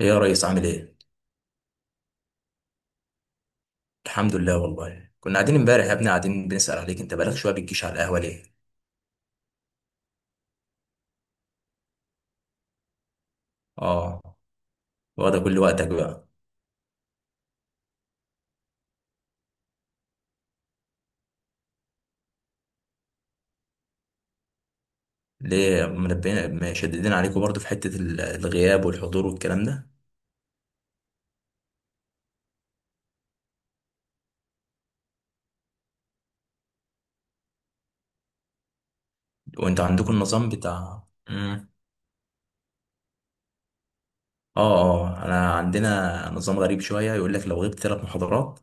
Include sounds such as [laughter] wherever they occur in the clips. ايه يا ريس عامل ايه؟ الحمد لله والله كنا قاعدين امبارح يا ابني قاعدين بنسأل عليك. انت بقالك شويه بتجيش على القهوه ليه؟ اه. واخده كل وقتك بقى. ليه منبهين مشددين عليكم برضو في حته الغياب والحضور والكلام ده؟ وانت عندكم النظام بتاع. مم. اه، اه، انا عندنا نظام غريب شويه، يقول لك لو غبت 3 محاضرات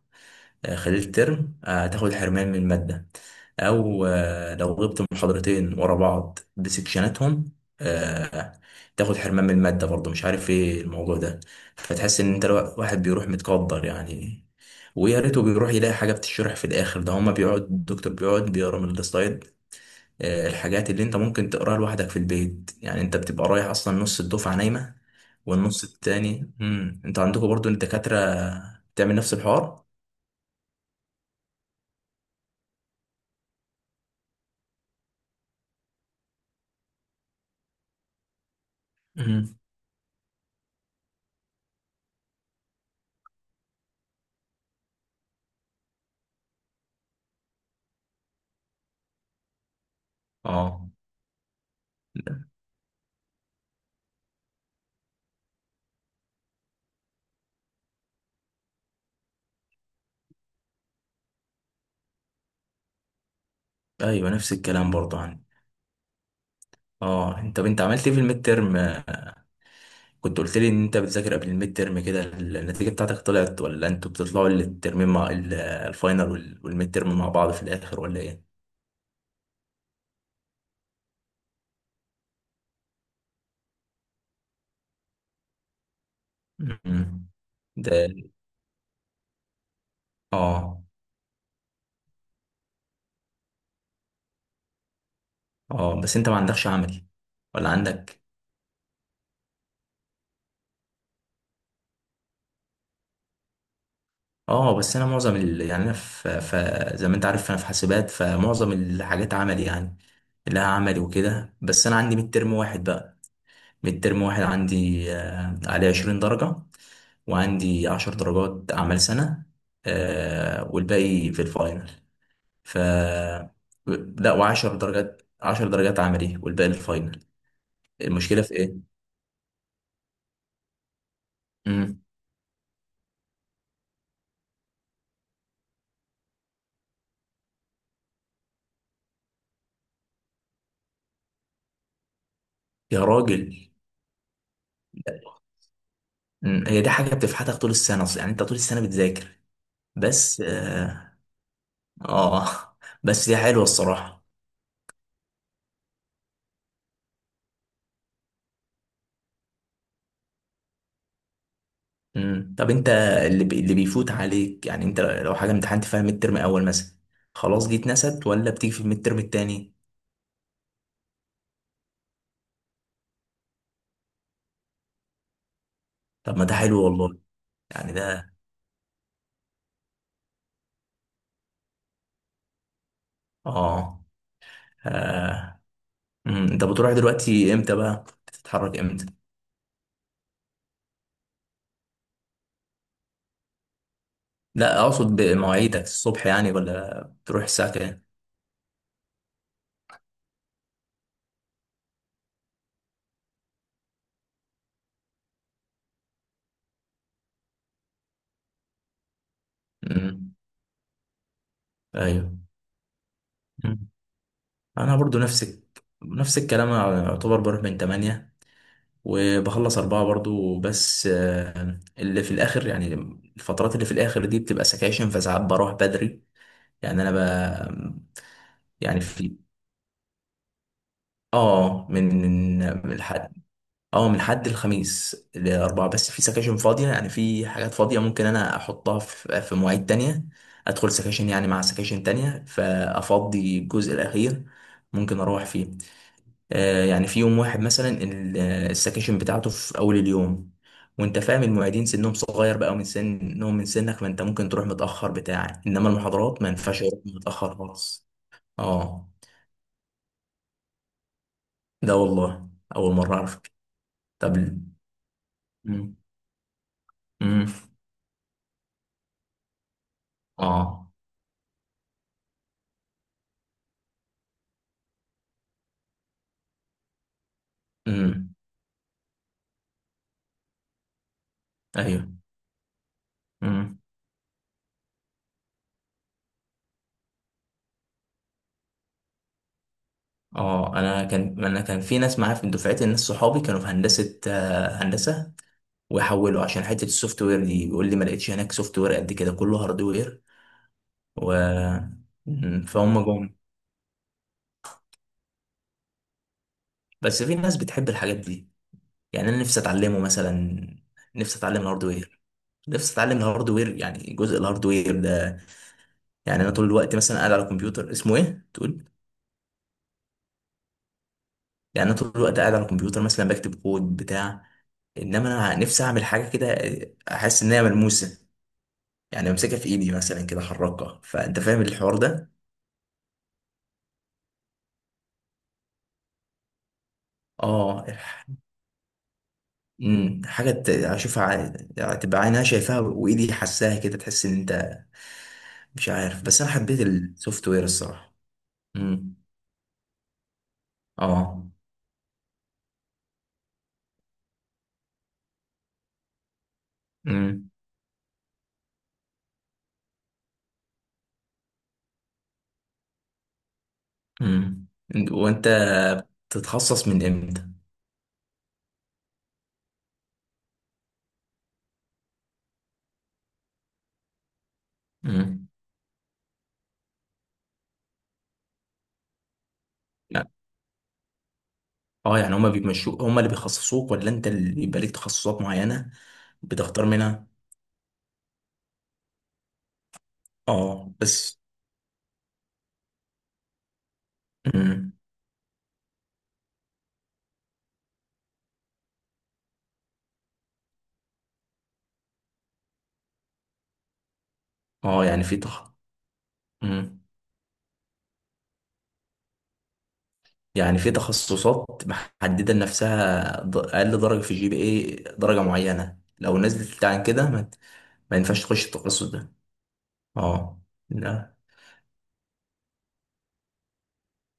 خلال الترم هتاخد حرمان من المادة، أو لو غبت محاضرتين ورا بعض بسكشناتهم، آه، تاخد حرمان من المادة برضه. مش عارف ايه الموضوع ده. فتحس ان انت واحد بيروح متقدر يعني، ويا ريته بيروح يلاقي حاجة بتشرح. في الآخر ده هما بيقعد الدكتور بيقعد بيقرا من السلايد، الحاجات اللي انت ممكن تقراها لوحدك في البيت يعني. انت بتبقى رايح اصلا نص الدفعة نايمة والنص التاني انتوا عندكم برضو الدكاترة بتعمل نفس الحوار؟ اه. ايوه، نفس الكلام برضه عن. اه، طب انت عملت ايه في الميد ترم؟ كنت قلت لي ان انت بتذاكر قبل الميد ترم كده. النتيجه بتاعتك طلعت، ولا انتوا بتطلعوا الترمين مع الفاينل والميد ترم مع بعض في الاخر، ولا ايه؟ مم. ده. اه. اه، بس انت ما عندكش عملي ولا عندك؟ اه، بس انا معظم يعني زي ما انت عارف انا في حاسبات، فمعظم الحاجات عملي يعني، لها عملي وكده. بس انا عندي ميد ترم واحد بقى. ميد ترم واحد عندي، عليه 20 درجة، وعندي 10 درجات أعمال سنة، والباقي في الفاينل. ف. لا، وعشر درجات 10 درجات عملي، والباقي الفاينل. المشكلة في إيه؟ مم. يا راجل. مم. هي دي حاجة بتفحتك طول السنة أصلا يعني. أنت طول السنة بتذاكر. بس. آه، بس هي حلوة الصراحة. مم. طب انت، اللي بيفوت عليك يعني، انت لو حاجه امتحنت فيها ميد ترم اول مثلا، خلاص دي اتنست، ولا بتيجي في الميد ترم التاني؟ طب ما ده حلو والله. يعني ده. اه. آه. مم. انت بتروح دلوقتي امتى بقى؟ بتتحرك امتى؟ لا، اقصد بمواعيدك الصبح يعني، ولا بتروح الساعه كام؟ مم. ايوه. مم. انا برضو نفسك، نفس الكلام. أنا يعتبر بروح من 8 وبخلص 4 برضو، بس اللي في الاخر يعني، الفترات اللي في الاخر دي بتبقى سكاشن، فساعات بروح بدري. يعني انا ب... يعني في. اه، من الحد اه من الحد الخميس لاربعه، بس في سكاشن فاضيه يعني، في حاجات فاضيه ممكن انا احطها في مواعيد تانية، ادخل سكاشن يعني مع سكاشن تانية، فافضي الجزء الاخير، ممكن اروح فيه. يعني في يوم واحد مثلا السكاشن بتاعته في اول اليوم. وانت فاهم المعيدين سنهم صغير بقى، ومن سنهم من سنك، فانت ممكن تروح متاخر بتاع. انما المحاضرات ما ينفعش يروح متاخر خالص. اه. ده والله اول مره اعرف. طب مم. مم. اه. امم. ايوه. امم. اه، انا كان في ناس معايا في دفعتي، ناس صحابي كانوا في هندسه، ويحولوا عشان حته السوفت وير دي. بيقول لي ما لقيتش هناك سوفت وير قد كده، كله هاردوير. و. فهم جم. بس في ناس بتحب الحاجات دي. يعني انا نفسي اتعلمه مثلا، نفسي اتعلم الهاردوير، نفسي اتعلم الهاردوير، يعني جزء الهاردوير ده. يعني انا طول الوقت مثلا قاعد على الكمبيوتر، اسمه ايه تقول؟ يعني انا طول الوقت قاعد على الكمبيوتر مثلا بكتب كود بتاع، انما انا نفسي اعمل حاجه كده، احس ان هي ملموسه، يعني امسكها في ايدي مثلا كده احركها. فانت فاهم الحوار ده؟ اه حاجه اشوفها، تبقى عينها شايفاها وايدي حاساها كده. تحس ان انت، مش عارف، بس انا حبيت السوفت وير الصراحه. امم. اه. امم. امم. وانت تتخصص من امتى؟ امم. لا. اه، يعني هما بيمشوك، هما اللي بيخصصوك، ولا انت اللي يبقى ليك تخصصات معينه بتختار منها؟ اه. بس. امم. اه، يعني في امم، يعني في تخصصات محدده لنفسها، اقل درجه في الجي بي اي درجه معينه، لو نزلت عن كده، ما ينفعش تخش التخصص ده. اه. لا.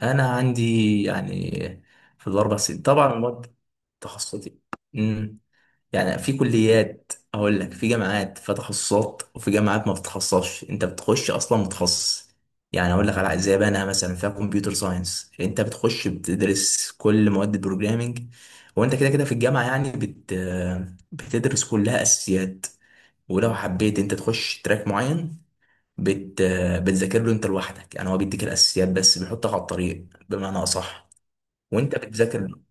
انا عندي يعني، في ال4 سنين طبعا مواد تخصصي. امم. يعني في كليات، اقول لك، في جامعات فيها تخصصات، وفي جامعات ما بتتخصصش، انت بتخش اصلا متخصص. يعني اقول لك على زي بقى مثلا فيها كمبيوتر ساينس، انت بتخش بتدرس كل مواد البروجرامينج، وانت كده كده في الجامعه يعني بتدرس كلها اساسيات. ولو حبيت انت تخش تراك معين، بت... بتذاكر له انت لوحدك. يعني هو بيديك الاساسيات بس، بيحطك على الطريق بمعنى اصح، وانت بتذاكر له.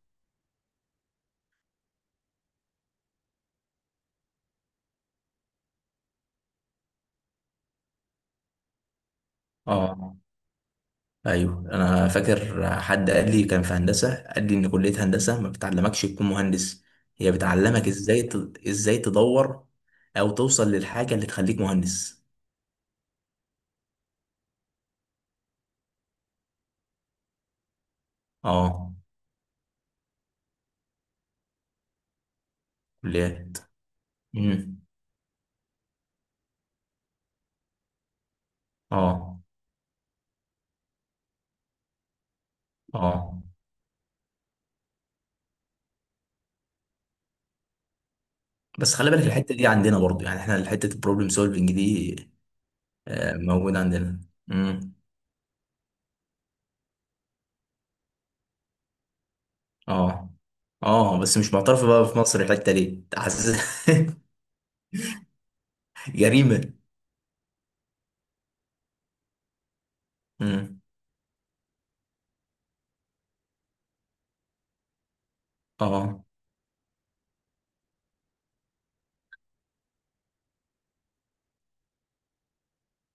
اه. ايوه، انا فاكر حد قال لي، كان في هندسه، قال لي ان كليه هندسه ما بتعلمكش تكون مهندس، هي بتعلمك ازاي ازاي تدور، او توصل للحاجه اللي تخليك مهندس. اه. كليات. امم. اه، اه، بس خلي بالك الحته دي عندنا برضو يعني، احنا حته البروبلم سولفنج دي موجوده عندنا. امم. اه، اه، بس مش معترف بقى في مصر الحته دي، حاسس [laughs] جريمه. امم. اه.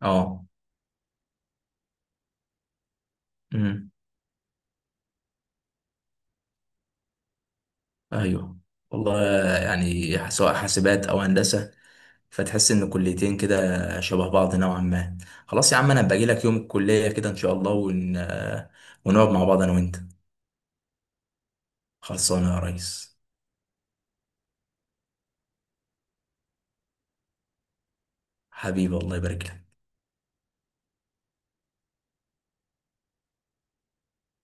اه. امم. ايوه. والله، يعني سواء حاسبات او هندسه، فتحس ان كليتين كده شبه بعض نوعا ما. خلاص يا عم، انا باجي لك يوم الكليه كده ان شاء الله، ونقعد مع بعض انا وانت. خلصانه يا ريس. حبيبي، الله يبارك لك.